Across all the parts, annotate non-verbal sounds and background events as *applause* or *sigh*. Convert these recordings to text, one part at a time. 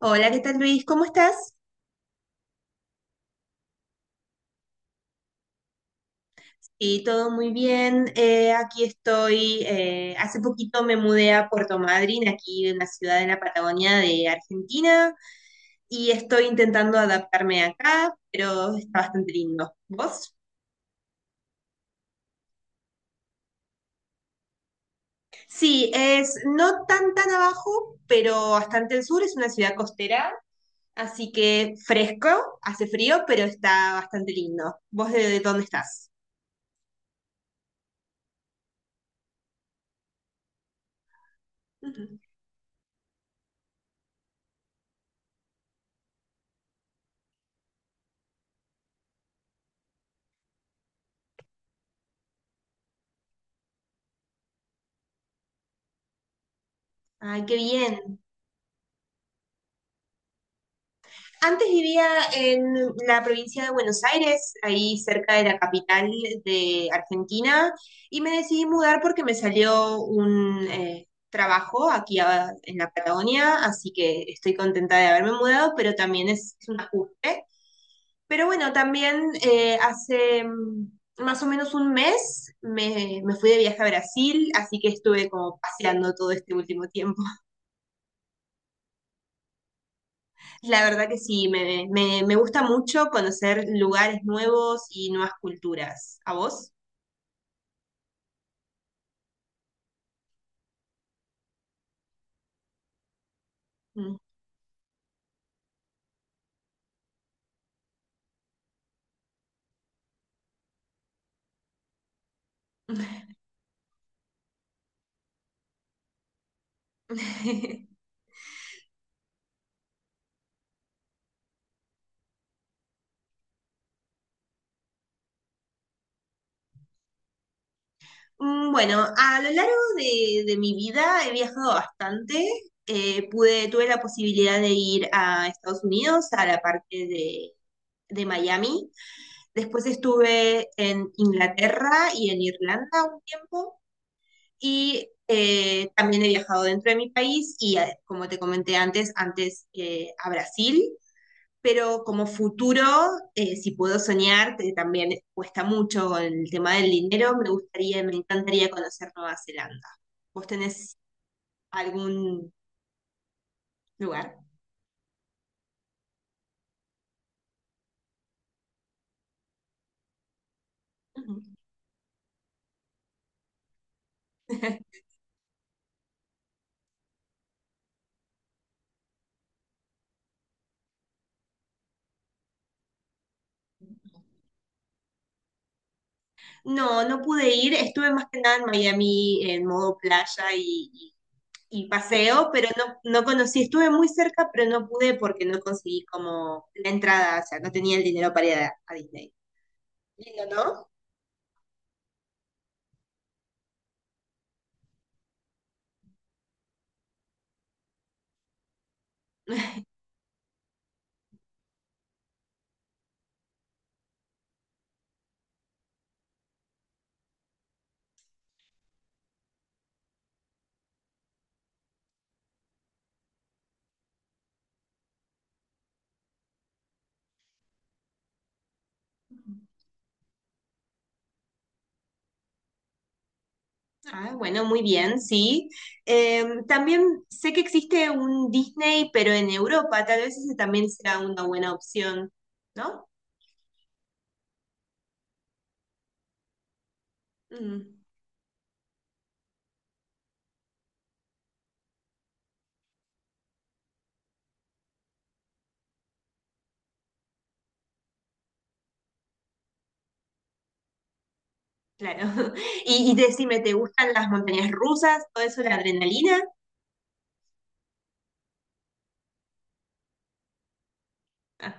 Hola, ¿qué tal, Luis? ¿Cómo estás? Sí, todo muy bien. Aquí estoy. Hace poquito me mudé a Puerto Madryn, aquí en una ciudad en la Patagonia de Argentina, y estoy intentando adaptarme acá, pero está bastante lindo. ¿Vos? Sí, es no tan abajo, pero bastante al sur. Es una ciudad costera, así que fresco, hace frío, pero está bastante lindo. ¿Vos de dónde estás? Ujú. Ay, qué bien. Antes vivía en la provincia de Buenos Aires, ahí cerca de la capital de Argentina, y me decidí mudar porque me salió un trabajo aquí en la Patagonia, así que estoy contenta de haberme mudado, pero también es un ajuste. Pero bueno, también más o menos un mes me fui de viaje a Brasil, así que estuve como paseando todo este último tiempo. La verdad que sí, me gusta mucho conocer lugares nuevos y nuevas culturas. ¿A vos? Mm. *laughs* Bueno, a lo largo de mi vida he viajado bastante. Tuve la posibilidad de ir a Estados Unidos, a la parte de Miami. Después estuve en Inglaterra y en Irlanda un tiempo. Y también he viajado dentro de mi país y, como te comenté antes a Brasil. Pero como futuro, si puedo soñar, que también cuesta mucho con el tema del dinero, me encantaría conocer Nueva Zelanda. ¿Vos tenés algún lugar? Ujú. *laughs* No, no pude ir, estuve más que nada en Miami en modo playa y paseo, pero no, no conocí, estuve muy cerca, pero no pude porque no conseguí como la entrada, o sea, no tenía el dinero para ir a Disney. Lindo, ¿no? Ah, bueno, muy bien, sí. También sé que existe un Disney, pero en Europa, tal vez ese también sea una buena opción, ¿no? Mm, claro. *laughs* Y decime, ¿te gustan las montañas rusas? ¿Todo eso, la adrenalina? Ah,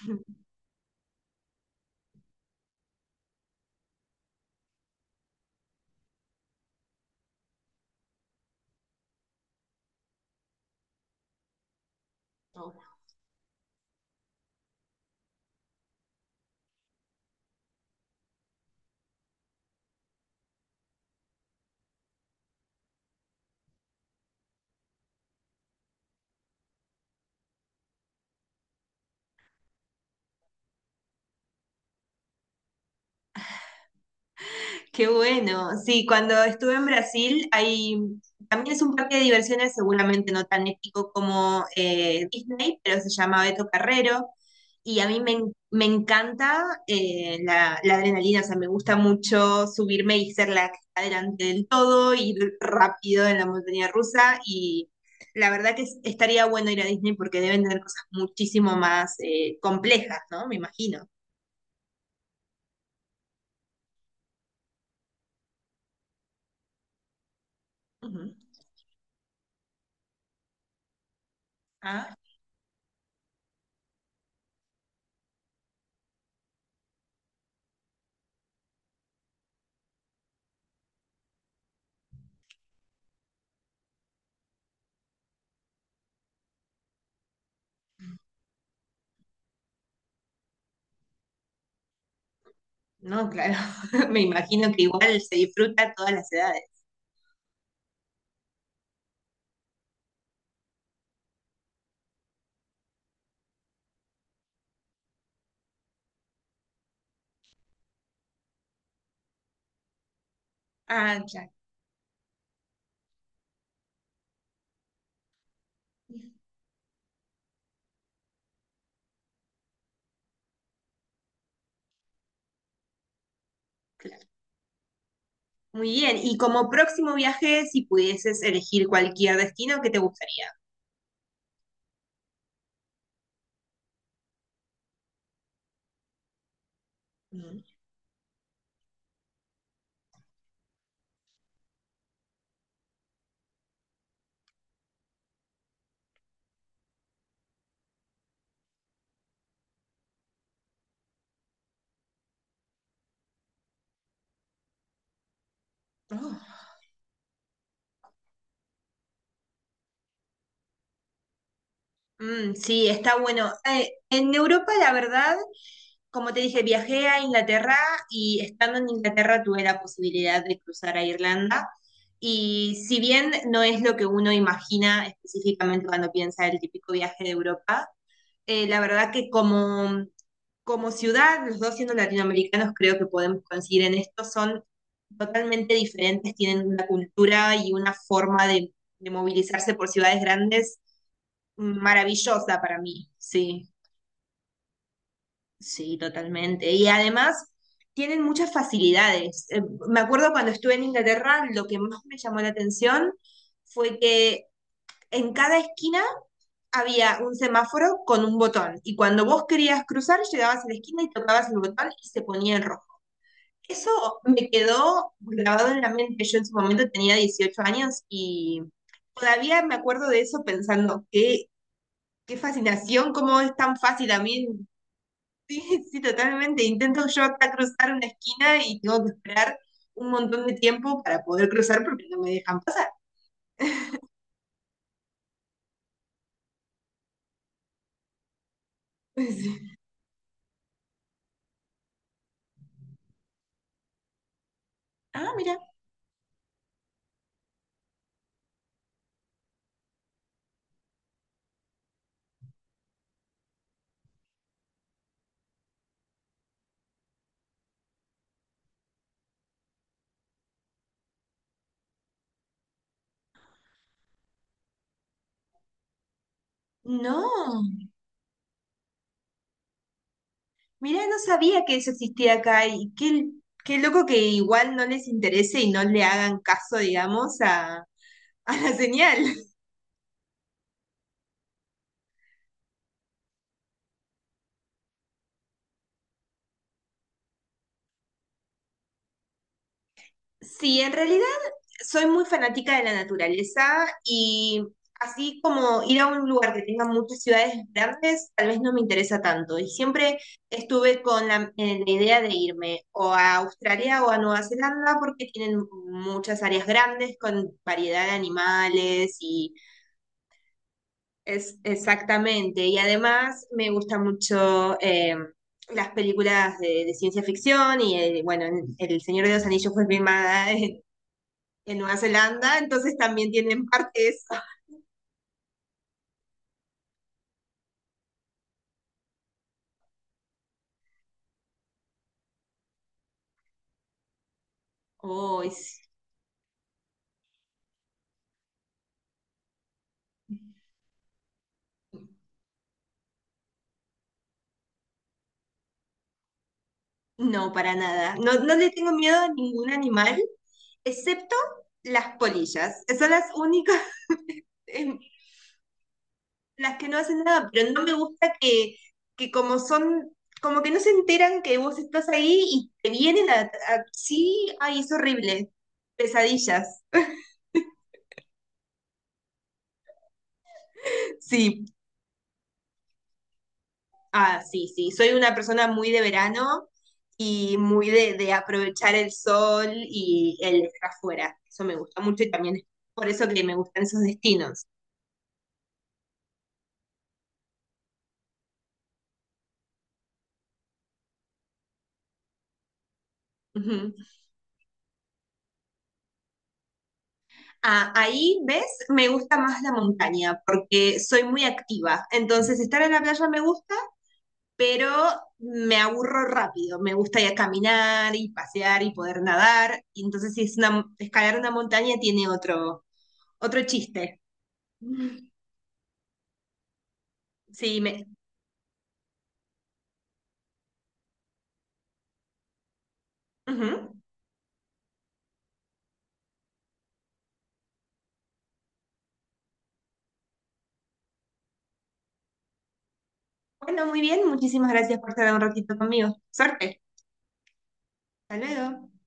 *laughs* qué bueno. Sí, cuando estuve en Brasil, hay, también es un parque de diversiones, seguramente no tan épico como Disney, pero se llama Beto Carrero. Y a mí me encanta la adrenalina, o sea, me gusta mucho subirme y ser la que está delante del todo, ir rápido en la montaña rusa. Y la verdad que estaría bueno ir a Disney porque deben tener cosas muchísimo más complejas, ¿no? Me imagino. Ujú. No, claro. *laughs* Me imagino que igual se disfruta a todas las edades. Ah, claro. Claro. Muy bien. Y como próximo viaje, si pudieses elegir cualquier destino, ¿qué te gustaría? Mm. Oh, mm, sí, está bueno. En Europa, la verdad, como te dije, viajé a Inglaterra y estando en Inglaterra tuve la posibilidad de cruzar a Irlanda. Y si bien no es lo que uno imagina específicamente cuando piensa el típico viaje de Europa, la verdad que como ciudad, los dos siendo latinoamericanos, creo que podemos coincidir en esto, son totalmente diferentes, tienen una cultura y una forma de movilizarse por ciudades grandes maravillosa para mí, sí, sí, totalmente. Y además tienen muchas facilidades. Me acuerdo cuando estuve en Inglaterra, lo que más me llamó la atención fue que en cada esquina había un semáforo con un botón y cuando vos querías cruzar, llegabas a la esquina y tocabas el botón y se ponía en rojo. Eso me quedó grabado en la mente. Yo en su momento tenía 18 años y todavía me acuerdo de eso pensando, qué fascinación, cómo es tan fácil a mí. Sí, sí, totalmente. Intento yo acá cruzar una esquina y tengo que esperar un montón de tiempo para poder cruzar porque no me dejan pasar. *laughs* Sí. Ah, no, mira, no sabía que eso existía acá y qué loco que igual no les interese y no le hagan caso, digamos, a la señal. Sí, en realidad soy muy fanática de la naturaleza y así como ir a un lugar que tenga muchas ciudades grandes, tal vez no me interesa tanto. Y siempre estuve con la idea de irme o a Australia o a Nueva Zelanda porque tienen muchas áreas grandes con variedad de animales y es exactamente. Y además me gusta mucho... las películas de ciencia ficción y bueno, El Señor de los Anillos fue filmada *laughs* en Nueva Zelanda, entonces también tienen parte eso. Oh, no, para nada. No, no le tengo miedo a ningún animal, excepto las polillas. Esas son las únicas, *laughs* em, las que no hacen nada, pero no me gusta que como son, como que no se enteran que vos estás ahí y te vienen sí, ay, es horrible. Pesadillas. *laughs* Sí, ah, sí, sí. Soy una persona muy de verano y muy de aprovechar el sol y el estar afuera. Eso me gusta mucho y también es por eso que me gustan esos destinos. Ujú. Ah, ahí, ¿ves? Me gusta más la montaña porque soy muy activa. Entonces, estar en la playa me gusta, pero me aburro rápido. Me gusta ir a caminar y pasear y poder nadar. Y entonces, si es una, escalar una montaña tiene otro chiste. Sí, me... ujú. Bueno, muy bien, muchísimas gracias por estar un ratito conmigo. Suerte. Hasta luego.